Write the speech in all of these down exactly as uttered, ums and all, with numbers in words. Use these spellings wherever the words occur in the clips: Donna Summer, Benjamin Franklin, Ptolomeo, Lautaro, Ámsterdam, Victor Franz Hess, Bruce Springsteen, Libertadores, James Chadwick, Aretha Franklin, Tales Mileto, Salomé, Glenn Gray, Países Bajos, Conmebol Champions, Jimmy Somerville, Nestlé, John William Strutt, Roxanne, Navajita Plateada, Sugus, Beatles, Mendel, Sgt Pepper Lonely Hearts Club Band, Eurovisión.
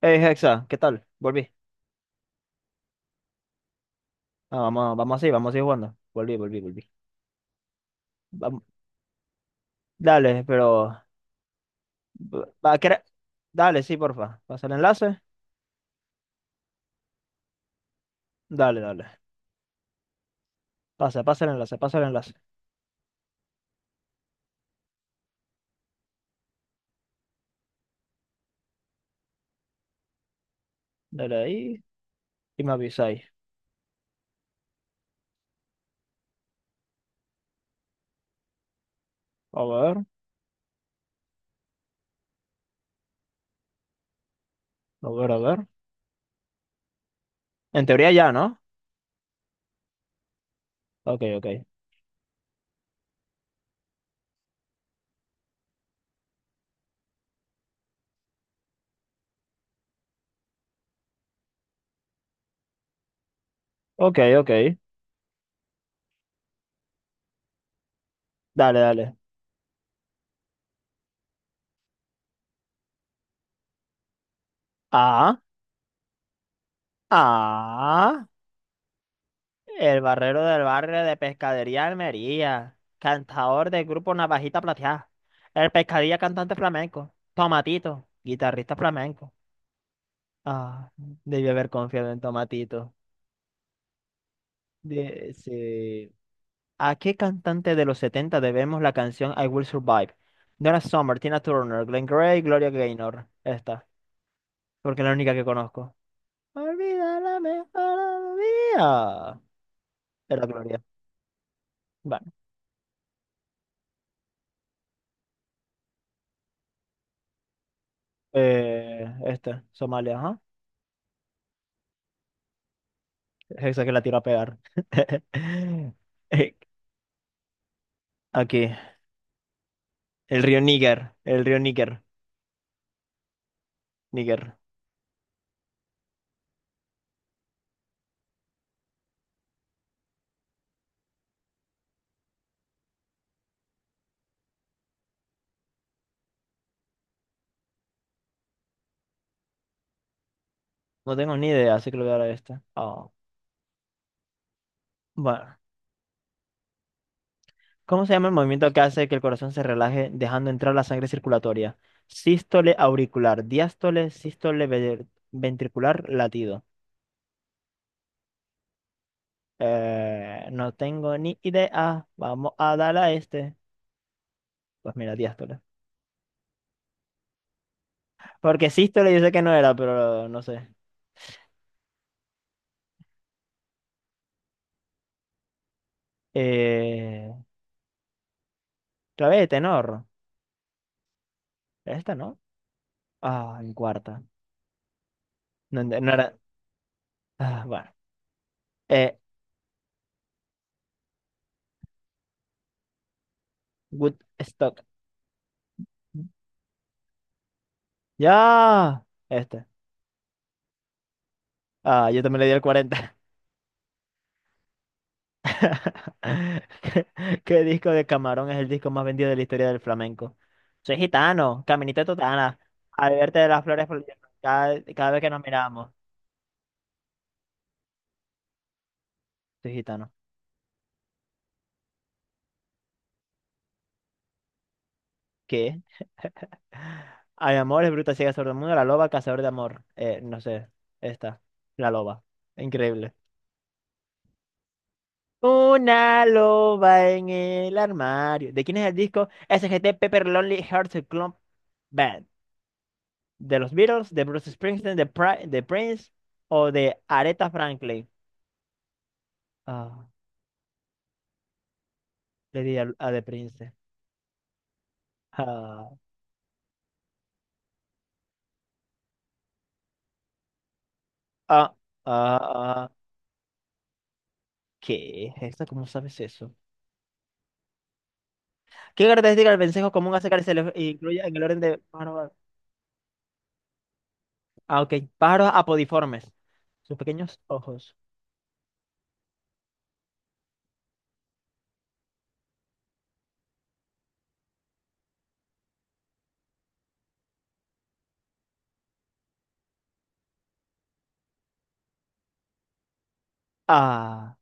Hey, Hexa, ¿qué tal? Volví. Ah, vamos, vamos así, vamos así jugando. Volví, volví, volví. Vam- dale, pero... va, ¿qué era? Dale, sí, porfa. Pasa el enlace. Dale, dale. Pasa, pasa el enlace, pasa el enlace. Dale ahí y me avisáis. A ver, a ver, a ver. En teoría ya, ¿no? Ok, ok. Ok, ok. Dale, dale. Ah, ah. El barrero del barrio de Pescadería Almería. Cantador del grupo Navajita Plateada. El pescadilla cantante flamenco. Tomatito, guitarrista flamenco. Ah, debí haber confiado en Tomatito. De- sí. ¿A qué cantante de los setenta debemos la canción I Will Survive? Donna Summer, Tina Turner, Glenn Gray, Gloria Gaynor. Esta, porque es la única que conozco. Olvida la mejor vida. Era Gloria. Bueno, eh, esta, Somalia, ajá. Esa que la tiro a pegar. Eh, Aquí, el río Níger, el río Níger, Níger. No tengo ni idea, así que lo voy a dar a esta. Ah, bueno, ¿cómo se llama el movimiento que hace que el corazón se relaje dejando entrar la sangre circulatoria? Sístole auricular, diástole, sístole ve- ventricular, latido. Eh, no tengo ni idea. Vamos a dar a este. Pues mira, diástole. Porque sístole yo sé que no era, pero no sé. Eh, clave de tenor. Esta, ¿no? Ah, en cuarta. No, no era. Ah, bueno. Eh, Woodstock. Ya. Este. Ah, yo también le di el cuarenta. ¿Qué disco de Camarón es el disco más vendido de la historia del flamenco? Soy gitano, caminito de totana. Al verte de las flores por- cada, cada vez que nos miramos. Soy gitano. ¿Qué? Hay amores, bruta, ciega, sordomuda, la loba, cazador de amor. Eh, no sé, esta. La loba. Increíble. Una loba en el armario. ¿De quién es el disco? S G T Pepper Lonely Hearts Club Band. ¿De los Beatles, de Bruce Springsteen, de, Pri- de Prince o de Aretha Franklin? Ah, le di al- a, de Prince. Ah, ah, ah, ah. ¿Qué es esto? ¿Cómo sabes eso? ¿Qué característica del vencejo común hace que se le incluye en el orden de pájaros? Ah, ok. Pájaros apodiformes. Sus pequeños ojos. Ah,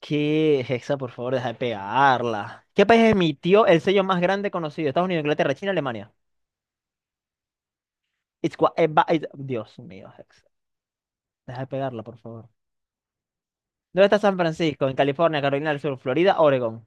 ¿qué es esa? Por favor, deja de pegarla. ¿Qué país emitió el sello más grande conocido? Estados Unidos, Inglaterra, China, Alemania. It's gua- eh, ba- it- Dios mío, Hexa. Deja de pegarla, por favor. ¿Dónde está San Francisco? En California, Carolina del Sur, Florida, Oregón.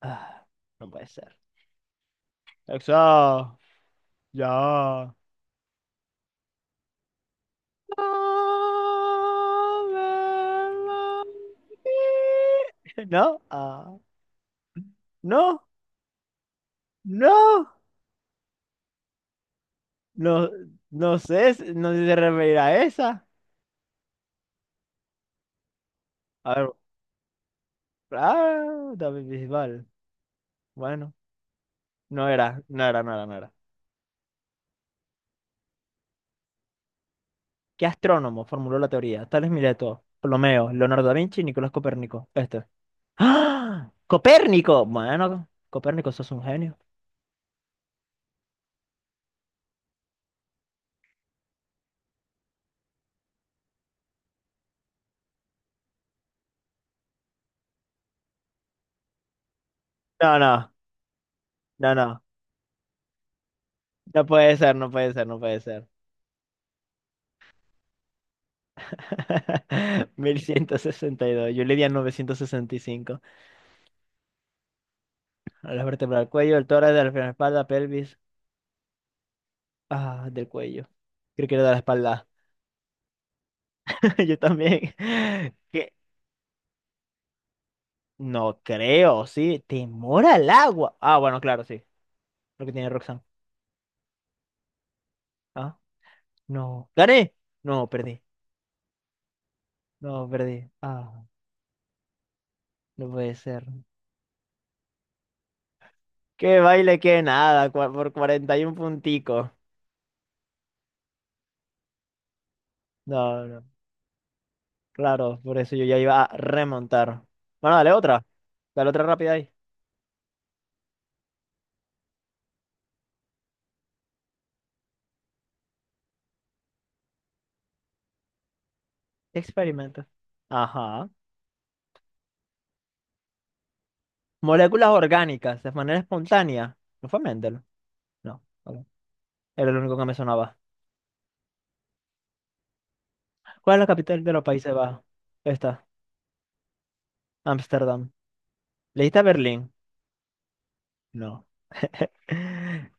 Ah, no puede ser. Exacto. Ya. ¿No? Ah. No, no, no, no sé, s- no sé si se referirá a esa. A ver, ah, David Bisbal. Bueno, no era, no era, no era, no era. ¿Qué astrónomo formuló la teoría? Tales Mileto, Ptolomeo, Leonardo da Vinci, Nicolás Copérnico. Este. ¡Ah! Copérnico. Bueno, Copérnico, sos un genio. No, no, no, no. No puede ser, no puede ser, no puede ser. mil ciento sesenta y dos. Yuridia novecientos sesenta y cinco. La vértebra del cuello, el tórax, de la espalda, pelvis. Ah, del cuello. Creo que era de la espalda. Yo también. ¿Qué? No creo, sí. Temor al agua. Ah, bueno, claro, sí. Lo que tiene Roxanne. Ah, no. ¿Gané? No, perdí. No, perdí. Ah, no puede ser. Qué baile, qué nada, cua- por cuarenta y un punticos. No, no, claro, por eso yo ya iba a remontar. Bueno, dale otra, dale otra rápida ahí. Experimento. Ajá. Moléculas orgánicas, de manera espontánea. ¿No fue Mendel? No, ok. Era el único que me sonaba. ¿Cuál es la capital de los Países Bajos? Esta, Ámsterdam. ¿Leíste Berlín? No. ¿En,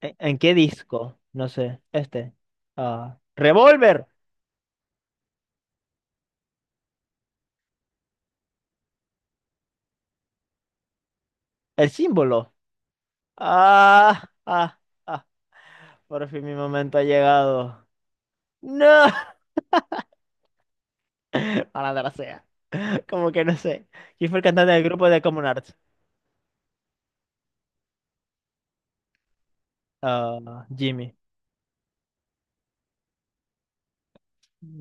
¿en qué disco? No sé. Este. Ah. Revolver. El símbolo. Ah, ah, ah. Por fin mi momento ha llegado. ¡No! Malandra sea. Como que no sé. ¿Quién fue el cantante del grupo de Common Arts? Ah, Jimmy.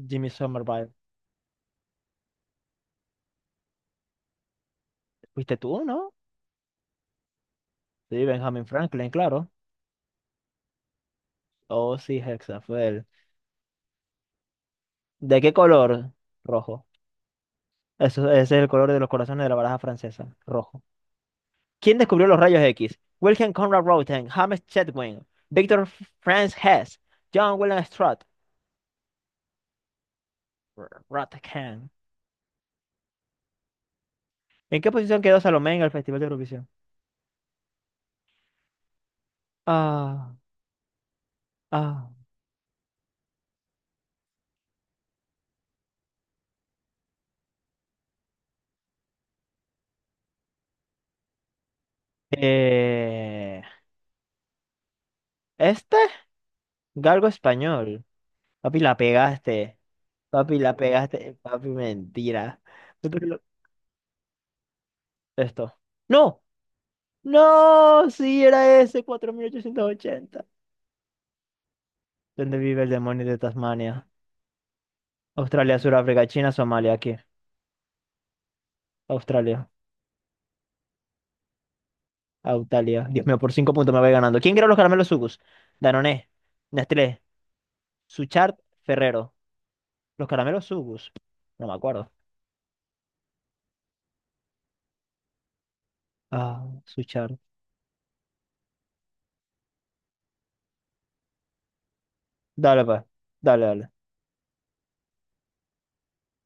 Jimmy Somerville. ¿Fuiste tú, no? Sí, Benjamin Franklin, claro. Oh, sí, Hexa, fue él. ¿De qué color? Rojo. Eso, ese es el color de los corazones de la baraja francesa. Rojo. ¿Quién descubrió los rayos X? Wilhelm Conrad Röntgen, James Chadwick, Victor Franz Hess, John William Strutt. R- Rotterdam. ¿En qué posición quedó Salomé en el Festival de Eurovisión? Ah. Ah, eh, este, galgo español. Papi, la pegaste. Papi, la pegaste. Papi, mentira. Yo creo que lo- Esto. ¡No! ¡No! Sí, era ese, cuatro mil ochocientos ochenta. ¿Dónde vive el demonio de Tasmania? Australia, Sudáfrica, China, Somalia, aquí. Australia, Autalia. Dios mío, por cinco puntos me voy ganando. ¿Quién creó los caramelos Sugus? Danone, Nestlé, Suchard, Ferrero. Los caramelos Sugus. No me acuerdo. Ah, dale, pues. Dale, dale.